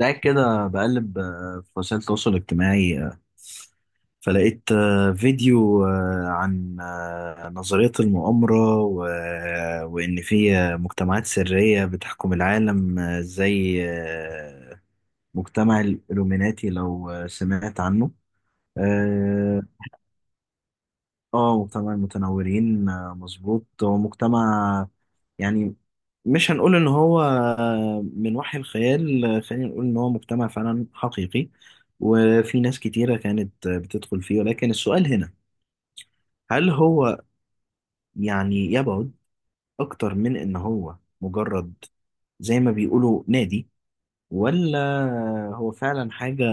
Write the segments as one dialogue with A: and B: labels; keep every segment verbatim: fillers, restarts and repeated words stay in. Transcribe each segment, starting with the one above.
A: ده كده بقلب آه، في وسائل التواصل الاجتماعي آه، فلقيت آه، فيديو آه، عن آه، نظرية المؤامرة و... آه، وإن في آه، مجتمعات سرية بتحكم العالم آه، زي آه، مجتمع الإلوميناتي، لو آه، سمعت عنه. آه، اه، مجتمع المتنورين آه، مظبوط، هو مجتمع يعني مش هنقول ان هو آه، من وحي الخيال آه، خلينا نقول ان هو مجتمع فعلا حقيقي، وفي ناس كتيرة كانت آه، بتدخل فيه. ولكن السؤال هنا، هل هو يعني يبعد اكتر من ان هو مجرد زي ما بيقولوا نادي، ولا هو فعلا حاجة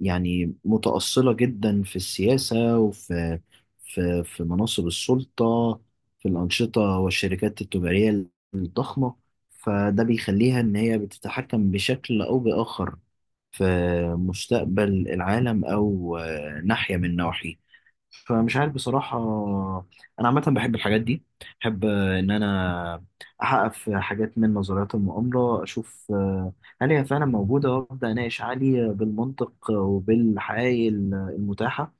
A: يعني متأصلة جدا في السياسة وفي في في مناصب السلطة، في الأنشطة والشركات التجارية الضخمة، فده بيخليها إن هي بتتحكم بشكل أو بآخر في مستقبل العالم أو آه، ناحية من نواحيه؟ فمش عارف بصراحة. أنا عامة بحب الحاجات دي، بحب آه، إن أنا أحقق في حاجات من نظريات المؤامرة، أشوف آه، هل هي فعلا موجودة، وأبدأ أناقش علي بالمنطق وبالحقائق المتاحة.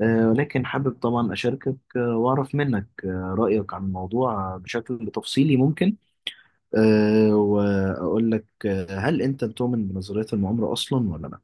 A: آه، ولكن حابب طبعا أشاركك آه، وأعرف منك آه، رأيك عن الموضوع بشكل تفصيلي ممكن. آه، وأقول لك، آه، هل أنت بتؤمن بنظريات المؤامرة أصلا ولا لأ؟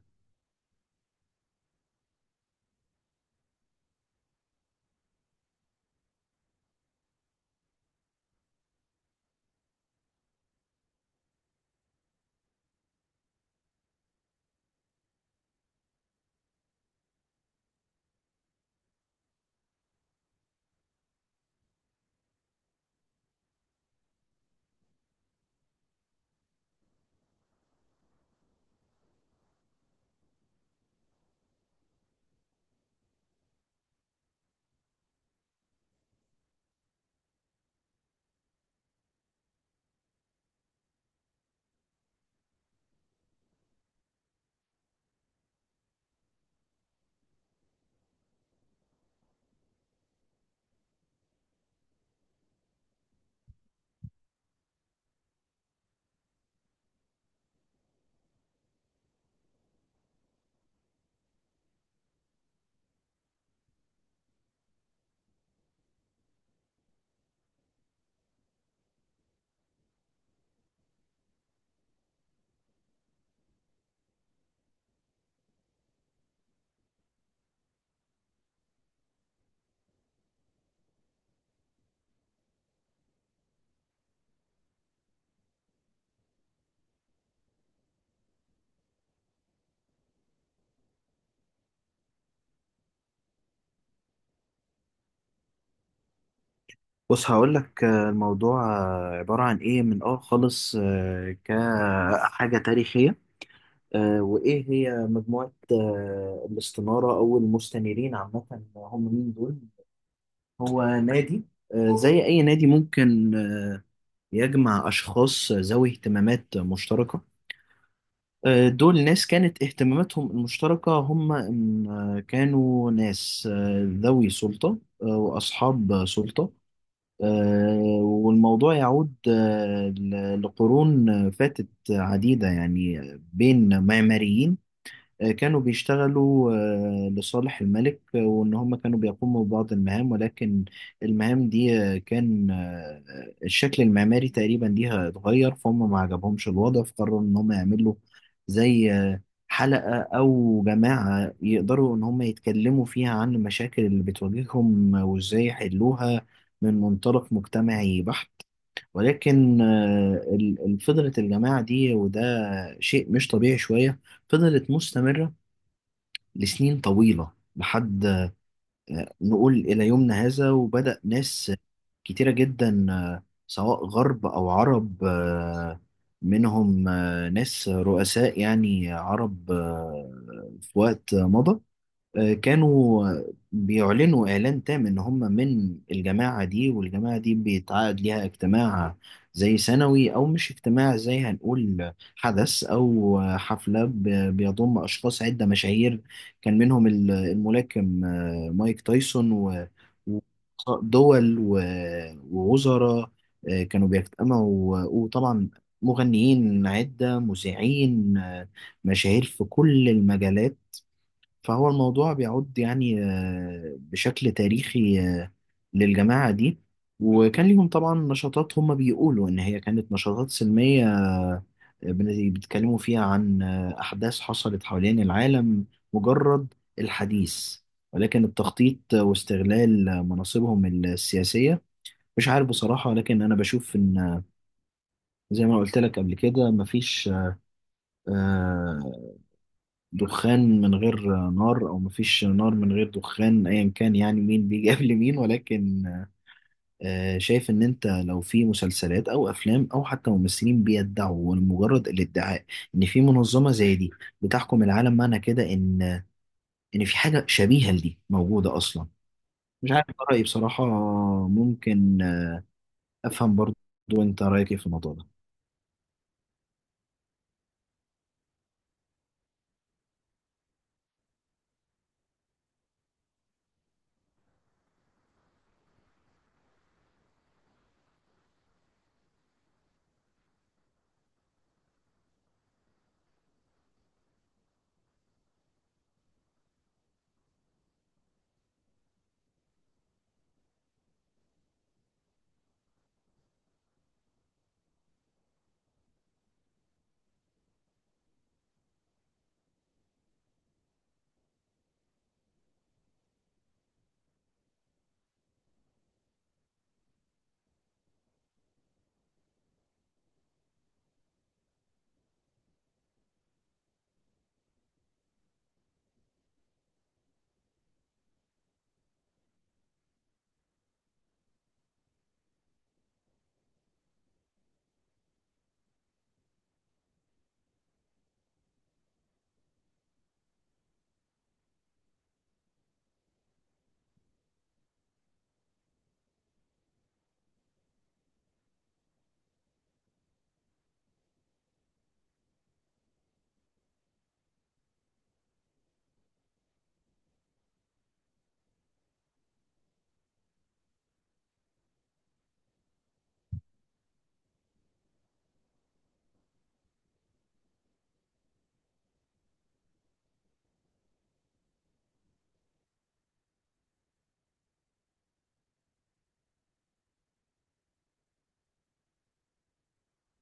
A: بص، هقول لك الموضوع آه، عبارة عن إيه، من آه خالص آه، كحاجة تاريخية. آه، وإيه هي مجموعة آه، الاستنارة أو المستنيرين عامة، هم مين دول؟ هو نادي آه، زي أي نادي، ممكن آه، يجمع أشخاص ذوي اهتمامات مشتركة. آه، دول ناس كانت اهتماماتهم المشتركة هم إن آه، كانوا ناس آه، ذوي سلطة آه، وأصحاب سلطة. آه، والموضوع يعود آه، ل- لقرون فاتت عديدة يعني، بين معماريين آه، كانوا بيشتغلوا آه، لصالح الملك آه، وإن هم كانوا بيقوموا ببعض المهام. ولكن المهام دي آه، كان آه، آه، الشكل المعماري تقريبا ليها اتغير، فهم ما عجبهمش الوضع، فقرروا إن هم يعملوا زي آه، حلقة أو جماعة يقدروا إن هم يتكلموا فيها عن المشاكل اللي بتواجههم وإزاي يحلوها من منطلق مجتمعي بحت. ولكن آه، ال- ال- فضلت الجماعة دي، وده شيء مش طبيعي شوية. فضلت مستمرة لسنين طويلة، لحد آه، نقول إلى يومنا هذا. وبدأ ناس كتيرة جدا آه، سواء غرب أو عرب آه، منهم آه، ناس رؤساء يعني عرب آه، في وقت مضى آه، كانوا بيعلنوا إعلان تام إن هم من الجماعة دي، والجماعة دي بيتعقد ليها اجتماع زي سنوي، أو مش اجتماع، زي هنقول حدث أو حفلة ب- بيضم أشخاص عدة مشاهير. كان منهم ال- الملاكم آه، مايك تايسون و و- دول و- ووزراء آه، كانوا بيجتمعوا، وطبعا مغنيين عدة مذيعين آه، مشاهير في كل المجالات. فهو الموضوع بيعود يعني آه، بشكل تاريخي آه، للجماعة دي. وكان ليهم طبعا نشاطات، هم بيقولوا إن هي كانت نشاطات سلمية آه، بن- بيتكلموا فيها عن آه، أحداث حصلت حوالين العالم، مجرد الحديث، ولكن التخطيط واستغلال مناصبهم السياسية مش عارف بصراحة. لكن أنا بشوف إن، زي ما قلت لك قبل كده، مفيش آه، دخان من غير نار، او مفيش نار من غير دخان، ايا كان يعني مين بيجي قبل مين. ولكن آه، شايف ان انت لو في مسلسلات او افلام او حتى ممثلين بيدعوا لمجرد الادعاء ان في منظمة زي دي بتحكم العالم، معنى كده ان ان في حاجة شبيهة لدي موجودة اصلا. مش عارف، ده رأيي بصراحة. ممكن افهم برضو، انت رأيك إيه في الموضوع ده؟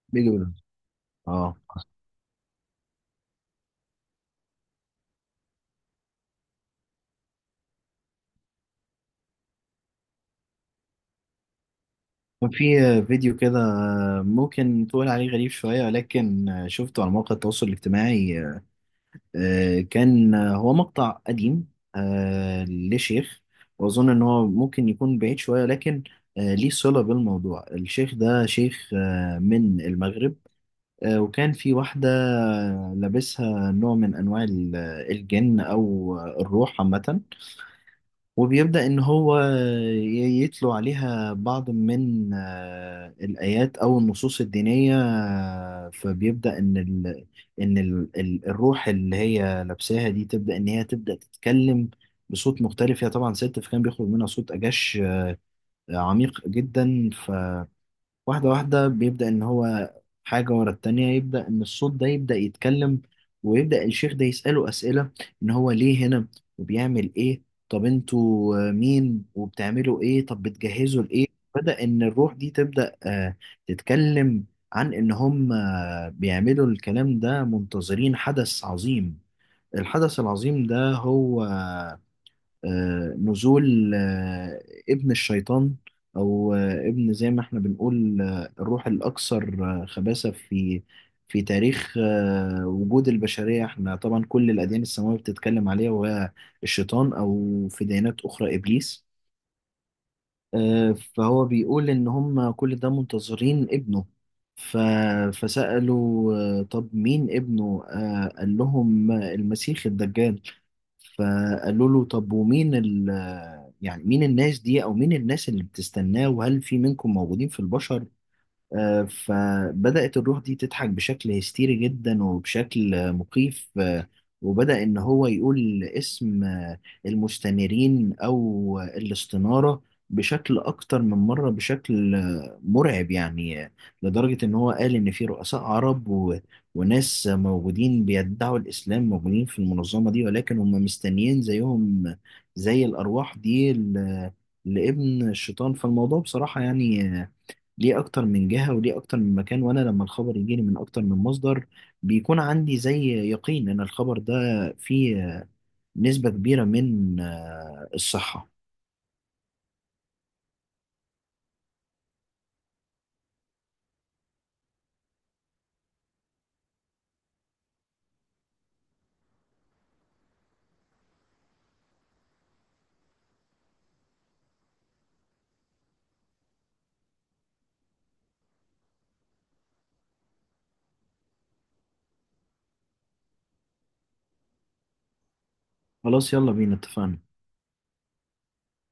A: بيجي بيقول- اه، كان في فيديو كده ممكن تقول عليه غريب شوية، ولكن شفته على مواقع التواصل الاجتماعي. آه، كان هو مقطع قديم آه، لشيخ، وأظن إن هو ممكن يكون بعيد شوية، لكن آه، ليه صلة بالموضوع. الشيخ ده شيخ آه، من المغرب. آه، وكان في واحدة لابسها نوع من أنواع ال- الجن أو الروح عامة. وبيبدأ إن هو ي- يتلو عليها بعض من آه، الآيات أو النصوص الدينية. آه، فبيبدأ إن ال إن ال ال- الروح اللي هي لابساها دي تبدأ إن هي تبدأ تتكلم بصوت مختلف. هي طبعا ست، فكان بيخرج منها صوت أجش آه، عميق جدا. واحدة واحدة بيبدأ إن هو حاجة ورا التانية، يبدأ إن الصوت ده يبدأ يتكلم، ويبدأ الشيخ ده يسأله أسئلة: إن هو ليه هنا، وبيعمل إيه، طب أنتوا آه، مين، وبتعملوا إيه، طب بتجهزوا لإيه. بدأ إن الروح دي تبدأ آه، تتكلم عن إن هم آه، بيعملوا الكلام ده منتظرين حدث عظيم. الحدث العظيم ده هو آه، نزول آه، ابن الشيطان. او آه، ابن، زي ما احنا بنقول آه، الروح الاكثر آه، خباثة في في تاريخ آه، وجود البشرية. احنا طبعا كل الاديان السماوية بتتكلم عليها، وهي الشيطان، او في ديانات اخرى ابليس. آه، فهو بيقول ان هم كل ده منتظرين ابنه. ف... فسألوا آه، طب مين ابنه؟ آه، قال لهم آه، المسيح الدجال. فقالوا له، طب ومين ال يعني مين الناس دي، او مين الناس اللي بتستناه، وهل في منكم موجودين في البشر؟ آه، فبدأت الروح دي تضحك بشكل هستيري جدا، وبشكل آه، مخيف آه، وبدأ إن هو يقول اسم آه، المستنيرين أو آه، الاستنارة بشكل أكتر من مرة، بشكل آه، مرعب يعني آه، لدرجة إن هو قال إن في رؤساء عرب و... وناس موجودين بيدعوا الإسلام موجودين في المنظمة دي، ولكن هم مستنيين زيهم آه، زي الأرواح دي ل... لابن الشيطان. فالموضوع بصراحة يعني آه، ليه اكتر من جهة، وليه اكتر من مكان، وانا لما الخبر يجيني من اكتر من مصدر، بيكون عندي زي يقين ان الخبر ده فيه نسبة كبيرة من آه، الصحة. خلاص، يلا بينا، اتفقنا.